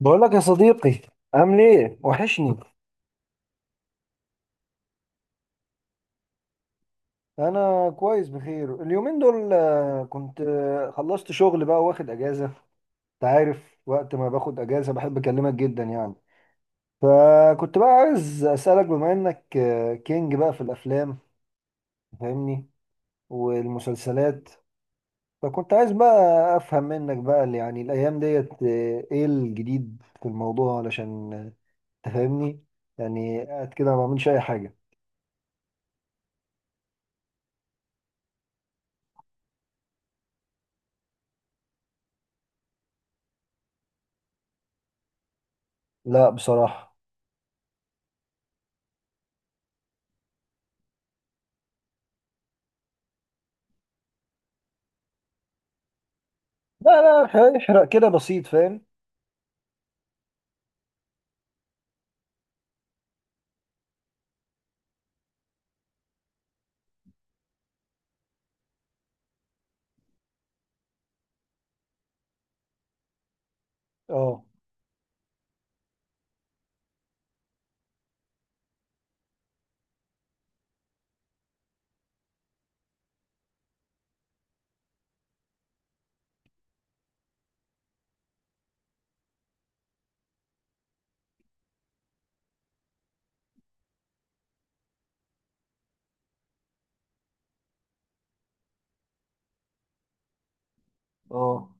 بقول لك يا صديقي، عامل ايه؟ وحشني. انا كويس، بخير. اليومين دول كنت خلصت شغل، بقى واخد اجازه. انت عارف وقت ما باخد اجازه بحب اكلمك جدا يعني. فكنت بقى عايز اسالك، بما انك كينج بقى في الافلام، فاهمني، والمسلسلات. فكنت عايز بقى افهم منك بقى اللي يعني الايام ديت ايه الجديد في الموضوع، علشان تفهمني يعني. قاعد كده ما بعملش اي حاجه. لا بصراحه. لا لا يحرق، يحرق كده بسيط، فاهم. اه. اه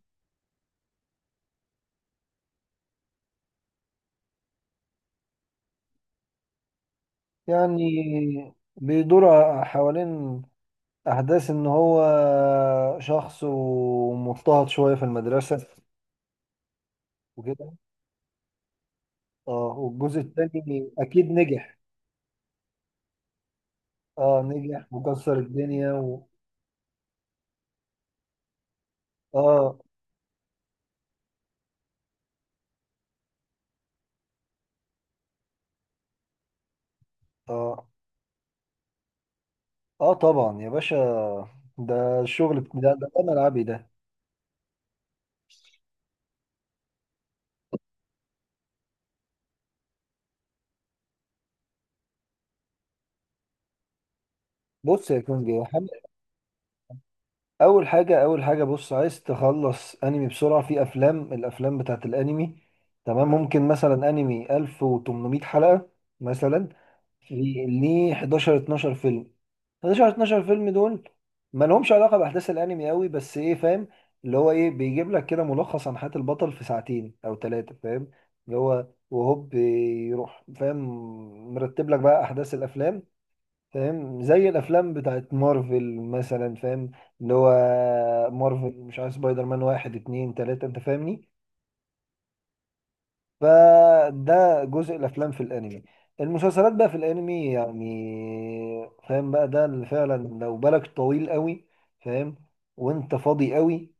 يعني بيدور حوالين احداث ان هو شخص ومضطهد شويه في المدرسه وكده. اه. والجزء الثاني اكيد نجح. اه، نجح وكسر الدنيا اه. اه. اه طبعا يا باشا، ده الشغل ده ملعبي ده. بص يا كونجي، اول حاجه بص، عايز تخلص انمي بسرعه، في افلام، الافلام بتاعت الانمي. تمام. ممكن مثلا انمي 1800 حلقه مثلا، في ليه 11 12 فيلم. 11 12 فيلم دول ما لهمش علاقه باحداث الانمي قوي، بس ايه فاهم، اللي هو ايه، بيجيب لك كده ملخص عن حياه البطل في ساعتين او ثلاثه، فاهم. اللي هو وهوب يروح، فاهم، مرتب لك بقى احداث الافلام، فاهم، زي الافلام بتاعت مارفل مثلا، فاهم. اللي هو مارفل مش عارف سبايدر مان واحد اتنين تلاتة، انت فاهمني. فده جزء الافلام في الانمي. المسلسلات بقى في الانمي يعني، فاهم بقى، ده اللي فعلا لو بالك طويل قوي، فاهم، وانت فاضي قوي،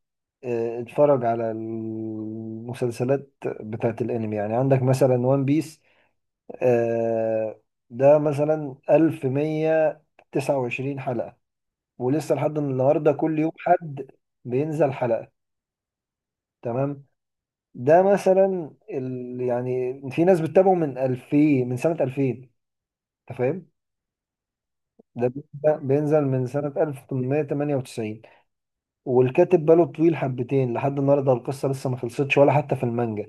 اه، اتفرج على المسلسلات بتاعت الانمي. يعني عندك مثلا وان بيس، اه، ده مثلا 1129 حلقة، ولسه لحد النهارده كل يوم حد بينزل حلقة. تمام. ده مثلا يعني في ناس بتتابعه من سنة 2000، انت فاهم. ده بينزل من سنة 1898، والكاتب باله طويل حبتين، لحد النهارده القصة لسه ما خلصتش ولا حتى في المانجا.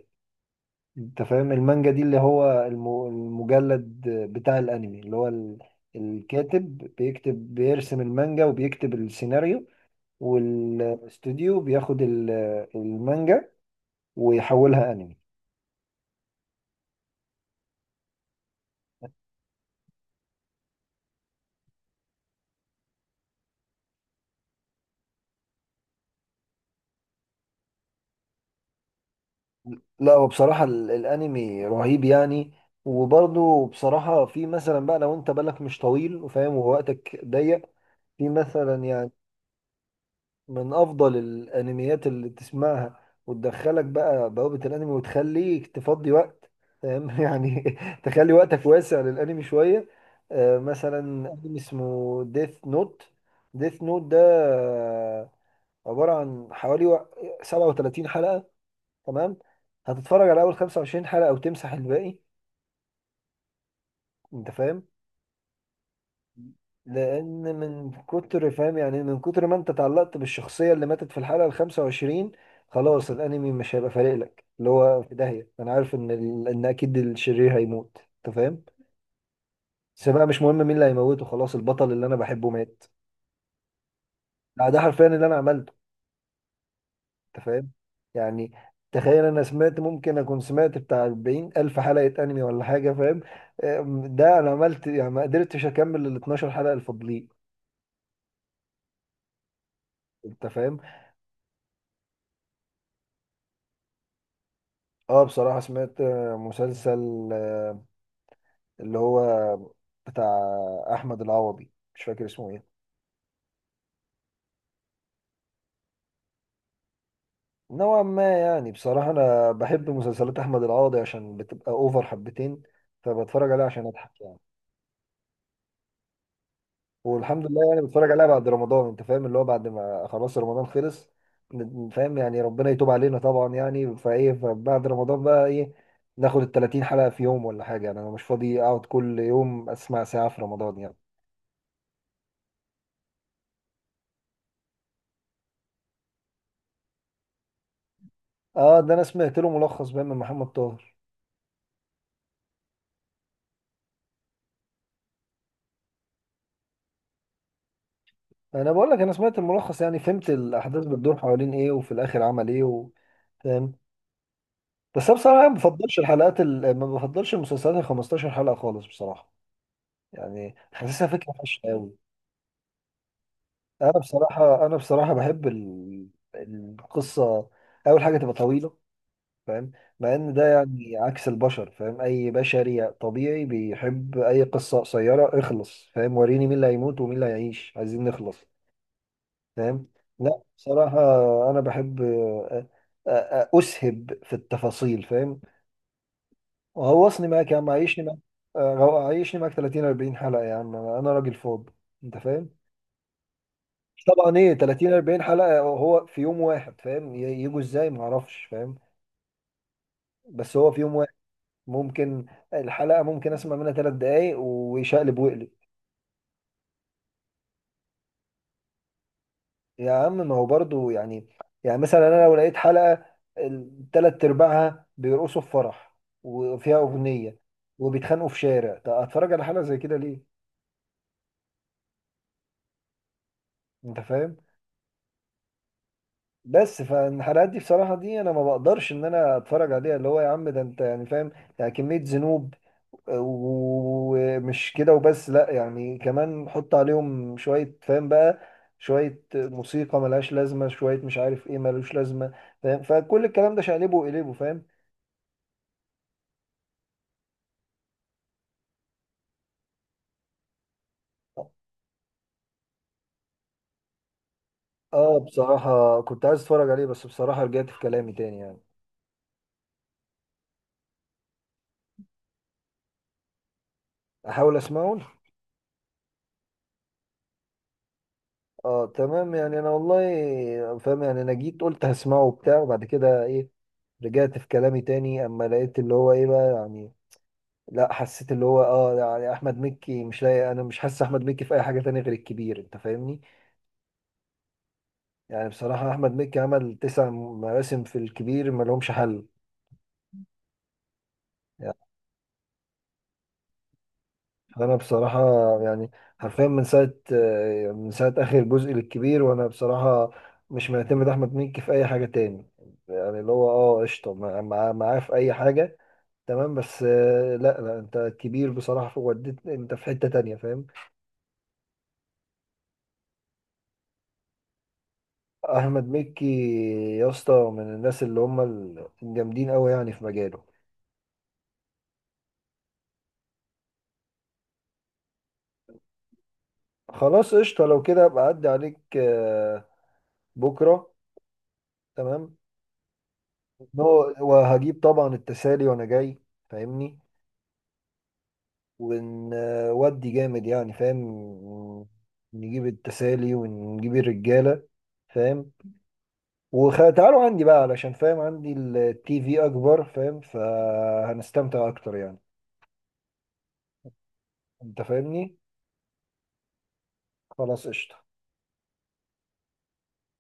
انت فاهم المانجا دي اللي هو المجلد بتاع الانمي اللي هو الكاتب بيكتب، بيرسم المانجا وبيكتب السيناريو، والاستوديو بياخد المانجا ويحولها انمي. لا هو بصراحة الانمي رهيب يعني. وبرضه بصراحة في مثلا بقى لو انت بالك مش طويل وفاهم ووقتك ضيق، في مثلا يعني من افضل الانميات اللي تسمعها وتدخلك بقى بوابة الانمي وتخليك تفضي وقت، فاهم يعني تخلي وقتك واسع للانمي شوية. مثلا انمي اسمه ديث نوت. ديث نوت ده عبارة عن حوالي 37 حلقة. تمام. هتتفرج على اول 25 حلقة او تمسح الباقي، انت فاهم. لان من كتر فاهم يعني إيه؟ من كتر ما انت تعلقت بالشخصية اللي ماتت في الحلقة ال 25، خلاص الانمي مش هيبقى فارق لك، اللي هو في داهية، انا عارف ان ان اكيد الشرير هيموت، انت فاهم. بس بقى مش مهم مين اللي هيموته، خلاص البطل اللي انا بحبه مات. لا ده حرفيا اللي انا عملته، انت فاهم. يعني تخيل، انا سمعت، ممكن اكون سمعت بتاع 40 الف حلقه انمي ولا حاجه، فاهم. ده انا عملت يعني، ما قدرتش اكمل ال 12 حلقه الفاضلين، انت فاهم. اه بصراحه سمعت مسلسل اللي هو بتاع احمد العوضي، مش فاكر اسمه ايه. نوعا ما يعني، بصراحه انا بحب مسلسلات احمد العوضي عشان بتبقى اوفر حبتين، فبتفرج عليها عشان اضحك يعني. والحمد لله، يعني بتفرج عليها بعد رمضان، انت فاهم، اللي هو بعد ما خلاص رمضان خلص، فاهم يعني، ربنا يتوب علينا طبعا يعني. فايه، فبعد رمضان بقى ايه، ناخد ال 30 حلقة في يوم ولا حاجة، يعني انا مش فاضي اقعد كل يوم اسمع ساعة في رمضان يعني. اه ده انا سمعت له ملخص بقى من محمد طاهر. انا بقول لك، انا سمعت الملخص يعني، فهمت الاحداث بتدور حوالين ايه وفي الاخر عمل ايه فاهم. بس انا بصراحة ما بفضلش المسلسلات ال 15 حلقة خالص بصراحة. يعني حاسسها فكرة فاشلة قوي. انا بصراحه بحب القصه، اول حاجه تبقى طويله، فاهم. مع ان ده يعني عكس البشر، فاهم، اي بشري طبيعي بيحب اي قصه قصيره، اخلص، فاهم، وريني مين اللي هيموت ومين اللي هيعيش، عايزين نخلص، فاهم. لا بصراحه انا بحب أ- اسهب في التفاصيل، فاهم. وغوصني معاك يا عم، عيشني معاك عيشني معاك 30 40 حلقه يا عم، أنا راجل فاضي، انت فاهم. طبعا ايه 30 40 حلقة هو في يوم واحد فاهم، يجوا ازاي ما اعرفش، فاهم. بس هو في يوم واحد ممكن، الحلقة اسمع منها 3 دقايق ويشقلب ويقلب. يا عم ما هو برضو يعني، يعني مثلا انا لو لقيت حلقة الثلاث ارباعها بيرقصوا في فرح وفيها اغنية وبيتخانقوا في شارع، طب اتفرج على حلقة زي كده ليه، انت فاهم. بس فالحلقات دي بصراحة دي أنا ما بقدرش إن أنا أتفرج عليها، اللي هو يا عم، ده أنت يعني فاهم. يعني كمية ذنوب، ومش كده وبس، لأ يعني كمان حط عليهم شوية، فاهم بقى، شوية موسيقى ملهاش لازمة، شوية مش عارف إيه ملوش لازمة، فاهم، فكل الكلام ده شقلبه وقلبه، فاهم. اه بصراحة كنت عايز أتفرج عليه، بس بصراحة رجعت في كلامي تاني يعني. أحاول أسمعه. اه تمام يعني، انا والله فاهم يعني، انا جيت قلت هسمعه وبتاع، وبعد كده ايه، رجعت في كلامي تاني اما لقيت اللي هو ايه بقى يعني. لا حسيت اللي هو اه، يعني احمد مكي مش لاقي، انا مش حاسس احمد مكي في اي حاجه تانية غير الكبير، انت فاهمني. يعني بصراحه احمد مكي عمل 9 مواسم في الكبير، ما لهمش حل. انا بصراحه يعني حرفيا من ساعه اخر جزء للكبير، وانا بصراحه مش معتمد احمد مكي في اي حاجه تاني. يعني اللي هو اه قشطه معاه في اي حاجه، تمام. بس لا لا، انت كبير بصراحه، وديت انت في حته تانية، فاهم. احمد مكي يا اسطى من الناس اللي هم الجامدين قوي يعني في مجاله. خلاص قشطه، لو كده ابقى اعدي عليك بكره، تمام. وهجيب طبعا التسالي وانا جاي، فاهمني، ونودي جامد يعني فاهم، نجيب التسالي ونجيب الرجالة، فاهم، وتعالوا عندي بقى علشان فاهم عندي التي في أكبر، فاهم، فهنستمتع أكتر يعني. أنت فاهمني؟ خلاص قشطة.